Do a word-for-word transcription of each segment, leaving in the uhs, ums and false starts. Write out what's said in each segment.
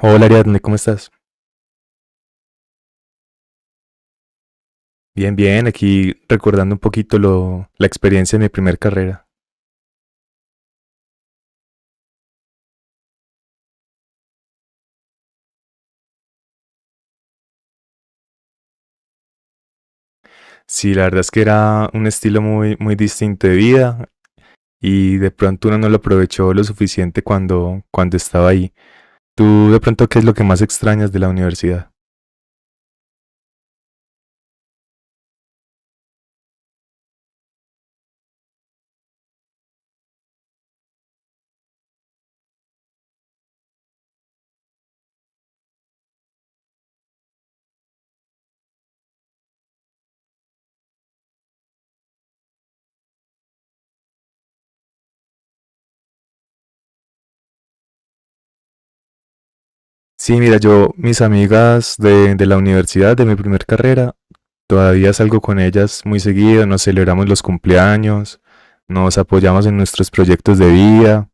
Hola Ariadne, ¿cómo estás? Bien, bien, aquí recordando un poquito lo, la experiencia de mi primer carrera. Sí, la verdad es que era un estilo muy, muy distinto de vida y de pronto uno no lo aprovechó lo suficiente cuando, cuando estaba ahí. ¿Tú de pronto qué es lo que más extrañas de la universidad? Sí, mira, yo, mis amigas de, de la universidad, de mi primer carrera, todavía salgo con ellas muy seguido, nos celebramos los cumpleaños, nos apoyamos en nuestros proyectos de vida,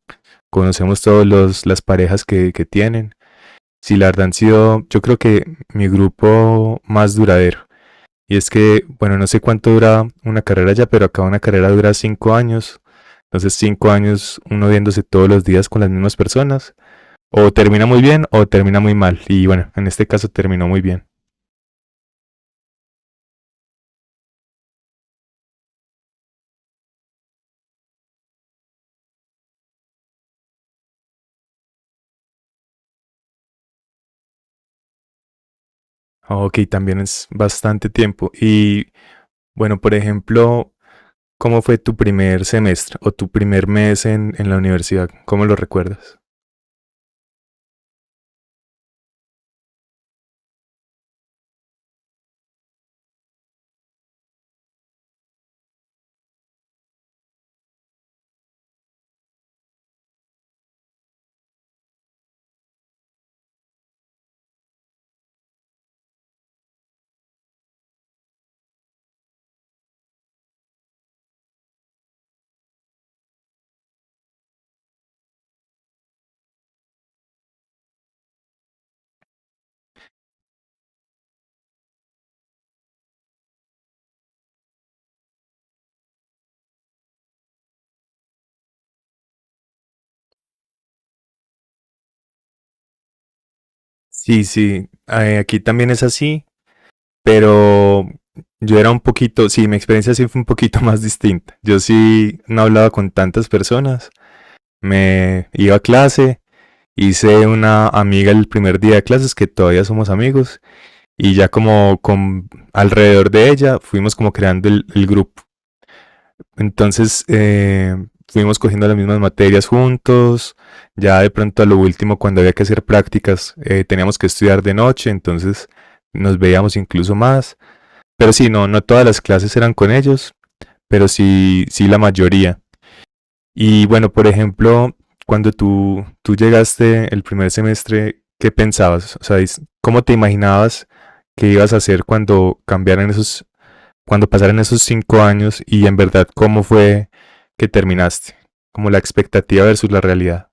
conocemos todos los las parejas que, que tienen. Sí, la verdad han sido, yo creo que mi grupo más duradero. Y es que, bueno, no sé cuánto dura una carrera ya, pero acá una carrera dura cinco años. Entonces, cinco años uno viéndose todos los días con las mismas personas. O termina muy bien o termina muy mal. Y bueno, en este caso terminó muy bien. Ok, también es bastante tiempo. Y bueno, por ejemplo, ¿cómo fue tu primer semestre o tu primer mes en, en la universidad? ¿Cómo lo recuerdas? Sí, sí, eh, aquí también es así, pero yo era un poquito, sí, mi experiencia sí fue un poquito más distinta. Yo sí no hablaba con tantas personas, me iba a clase, hice una amiga el primer día de clases que todavía somos amigos y ya como con alrededor de ella fuimos como creando el, el grupo entonces, eh, fuimos cogiendo las mismas materias juntos. Ya de pronto a lo último, cuando había que hacer prácticas, eh, teníamos que estudiar de noche, entonces nos veíamos incluso más. Pero sí, no, no todas las clases eran con ellos, pero sí, sí la mayoría. Y bueno, por ejemplo, cuando tú, tú llegaste el primer semestre, ¿qué pensabas? O sea, ¿cómo te imaginabas que ibas a hacer cuando cambiaran esos cuando pasaron esos cinco años y en verdad cómo fue que terminaste, como la expectativa versus la realidad.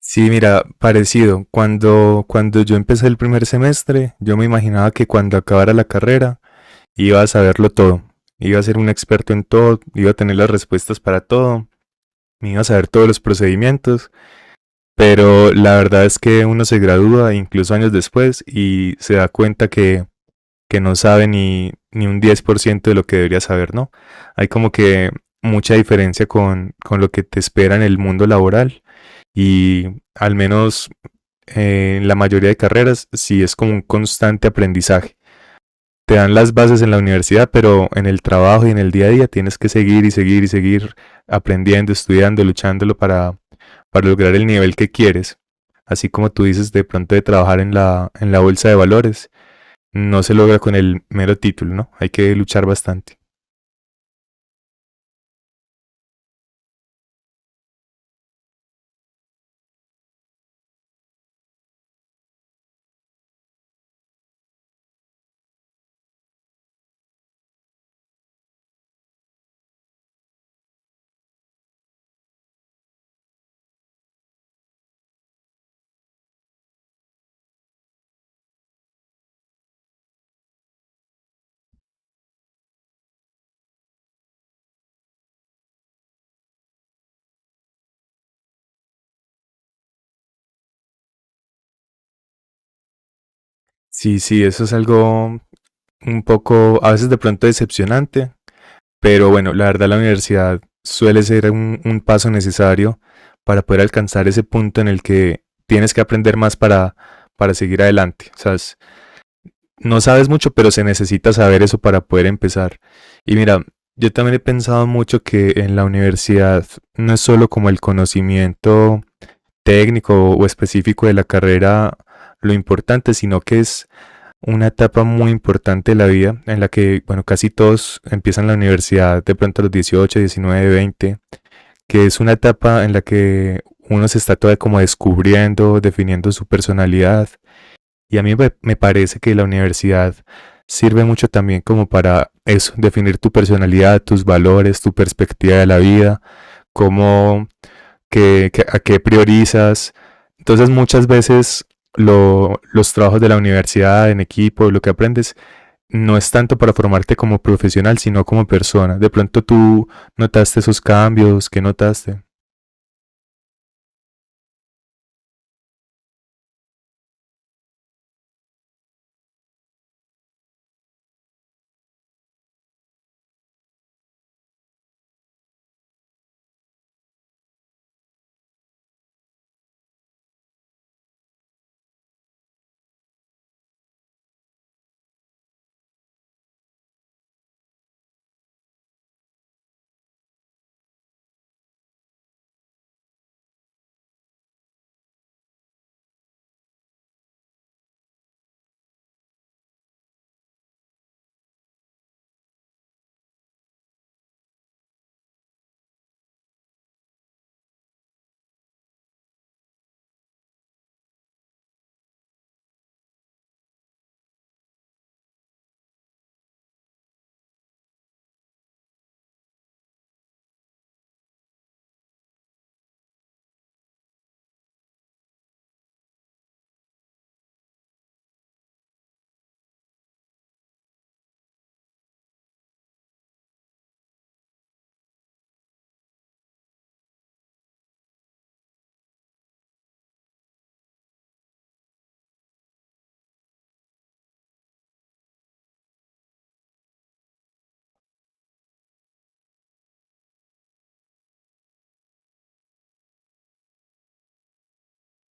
Sí, mira, parecido. Cuando, cuando yo empecé el primer semestre, yo me imaginaba que cuando acabara la carrera iba a saberlo todo. Iba a ser un experto en todo, iba a tener las respuestas para todo, me iba a saber todos los procedimientos, pero la verdad es que uno se gradúa incluso años después y se da cuenta que que no sabe ni, ni un diez por ciento de lo que debería saber, ¿no? Hay como que mucha diferencia con, con lo que te espera en el mundo laboral y al menos eh, en la mayoría de carreras sí es como un constante aprendizaje. Te dan las bases en la universidad, pero en el trabajo y en el día a día tienes que seguir y seguir y seguir aprendiendo, estudiando, luchándolo para, para lograr el nivel que quieres. Así como tú dices de pronto de trabajar en la, en la bolsa de valores, no se logra con el mero título, ¿no? Hay que luchar bastante. Sí, sí, eso es algo un poco, a veces de pronto decepcionante, pero bueno, la verdad la universidad suele ser un, un paso necesario para poder alcanzar ese punto en el que tienes que aprender más para, para seguir adelante. O sea, es- no sabes mucho, pero se necesita saber eso para poder empezar. Y mira, yo también he pensado mucho que en la universidad no es solo como el conocimiento técnico o específico de la carrera lo importante, sino que es una etapa muy importante de la vida en la que, bueno, casi todos empiezan la universidad de pronto a los dieciocho, diecinueve, veinte, que es una etapa en la que uno se está todavía como descubriendo, definiendo su personalidad. Y a mí me parece que la universidad sirve mucho también como para eso, definir tu personalidad, tus valores, tu perspectiva de la vida cómo, qué, qué- a qué priorizas. Entonces muchas veces lo- los trabajos de la universidad en equipo, lo que aprendes, no es tanto para formarte como profesional, sino como persona. De pronto tú notaste esos cambios, ¿qué notaste?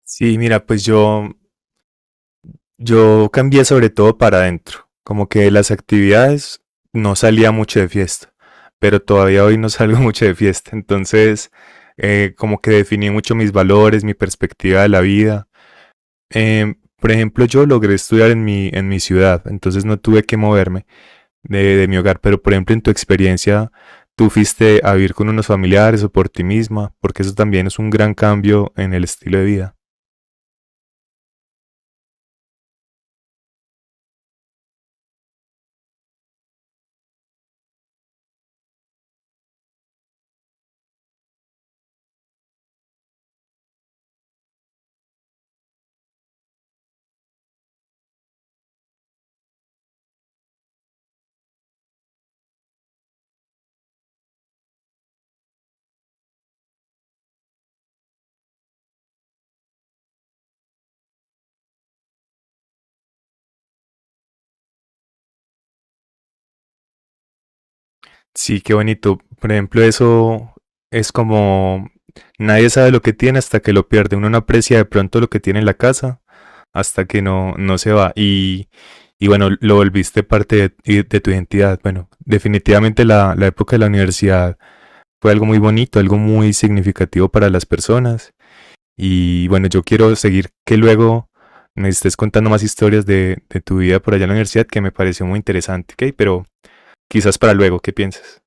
Sí, mira, pues yo, yo cambié sobre todo para adentro. Como que de las actividades no salía mucho de fiesta, pero todavía hoy no salgo mucho de fiesta. Entonces, eh, como que definí mucho mis valores, mi perspectiva de la vida. eh, por ejemplo, yo logré estudiar en mi, en mi ciudad, entonces no tuve que moverme de, de mi hogar, pero por ejemplo, en tu experiencia, tú fuiste a vivir con unos familiares o por ti misma, porque eso también es un gran cambio en el estilo de vida. Sí, qué bonito. Por ejemplo, eso es como nadie sabe lo que tiene hasta que lo pierde. Uno no aprecia de pronto lo que tiene en la casa hasta que no, no se va. Y, y bueno, lo volviste parte de, de tu identidad. Bueno, definitivamente la, la época de la universidad fue algo muy bonito, algo muy significativo para las personas. Y bueno, yo quiero seguir que luego me estés contando más historias de, de tu vida por allá en la universidad que me pareció muy interesante, ¿ok? Pero quizás para luego, ¿qué piensas?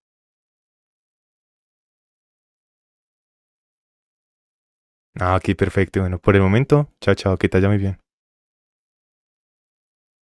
Ah, ok, perfecto. Bueno, por el momento, chao, chao, que te vaya muy bien.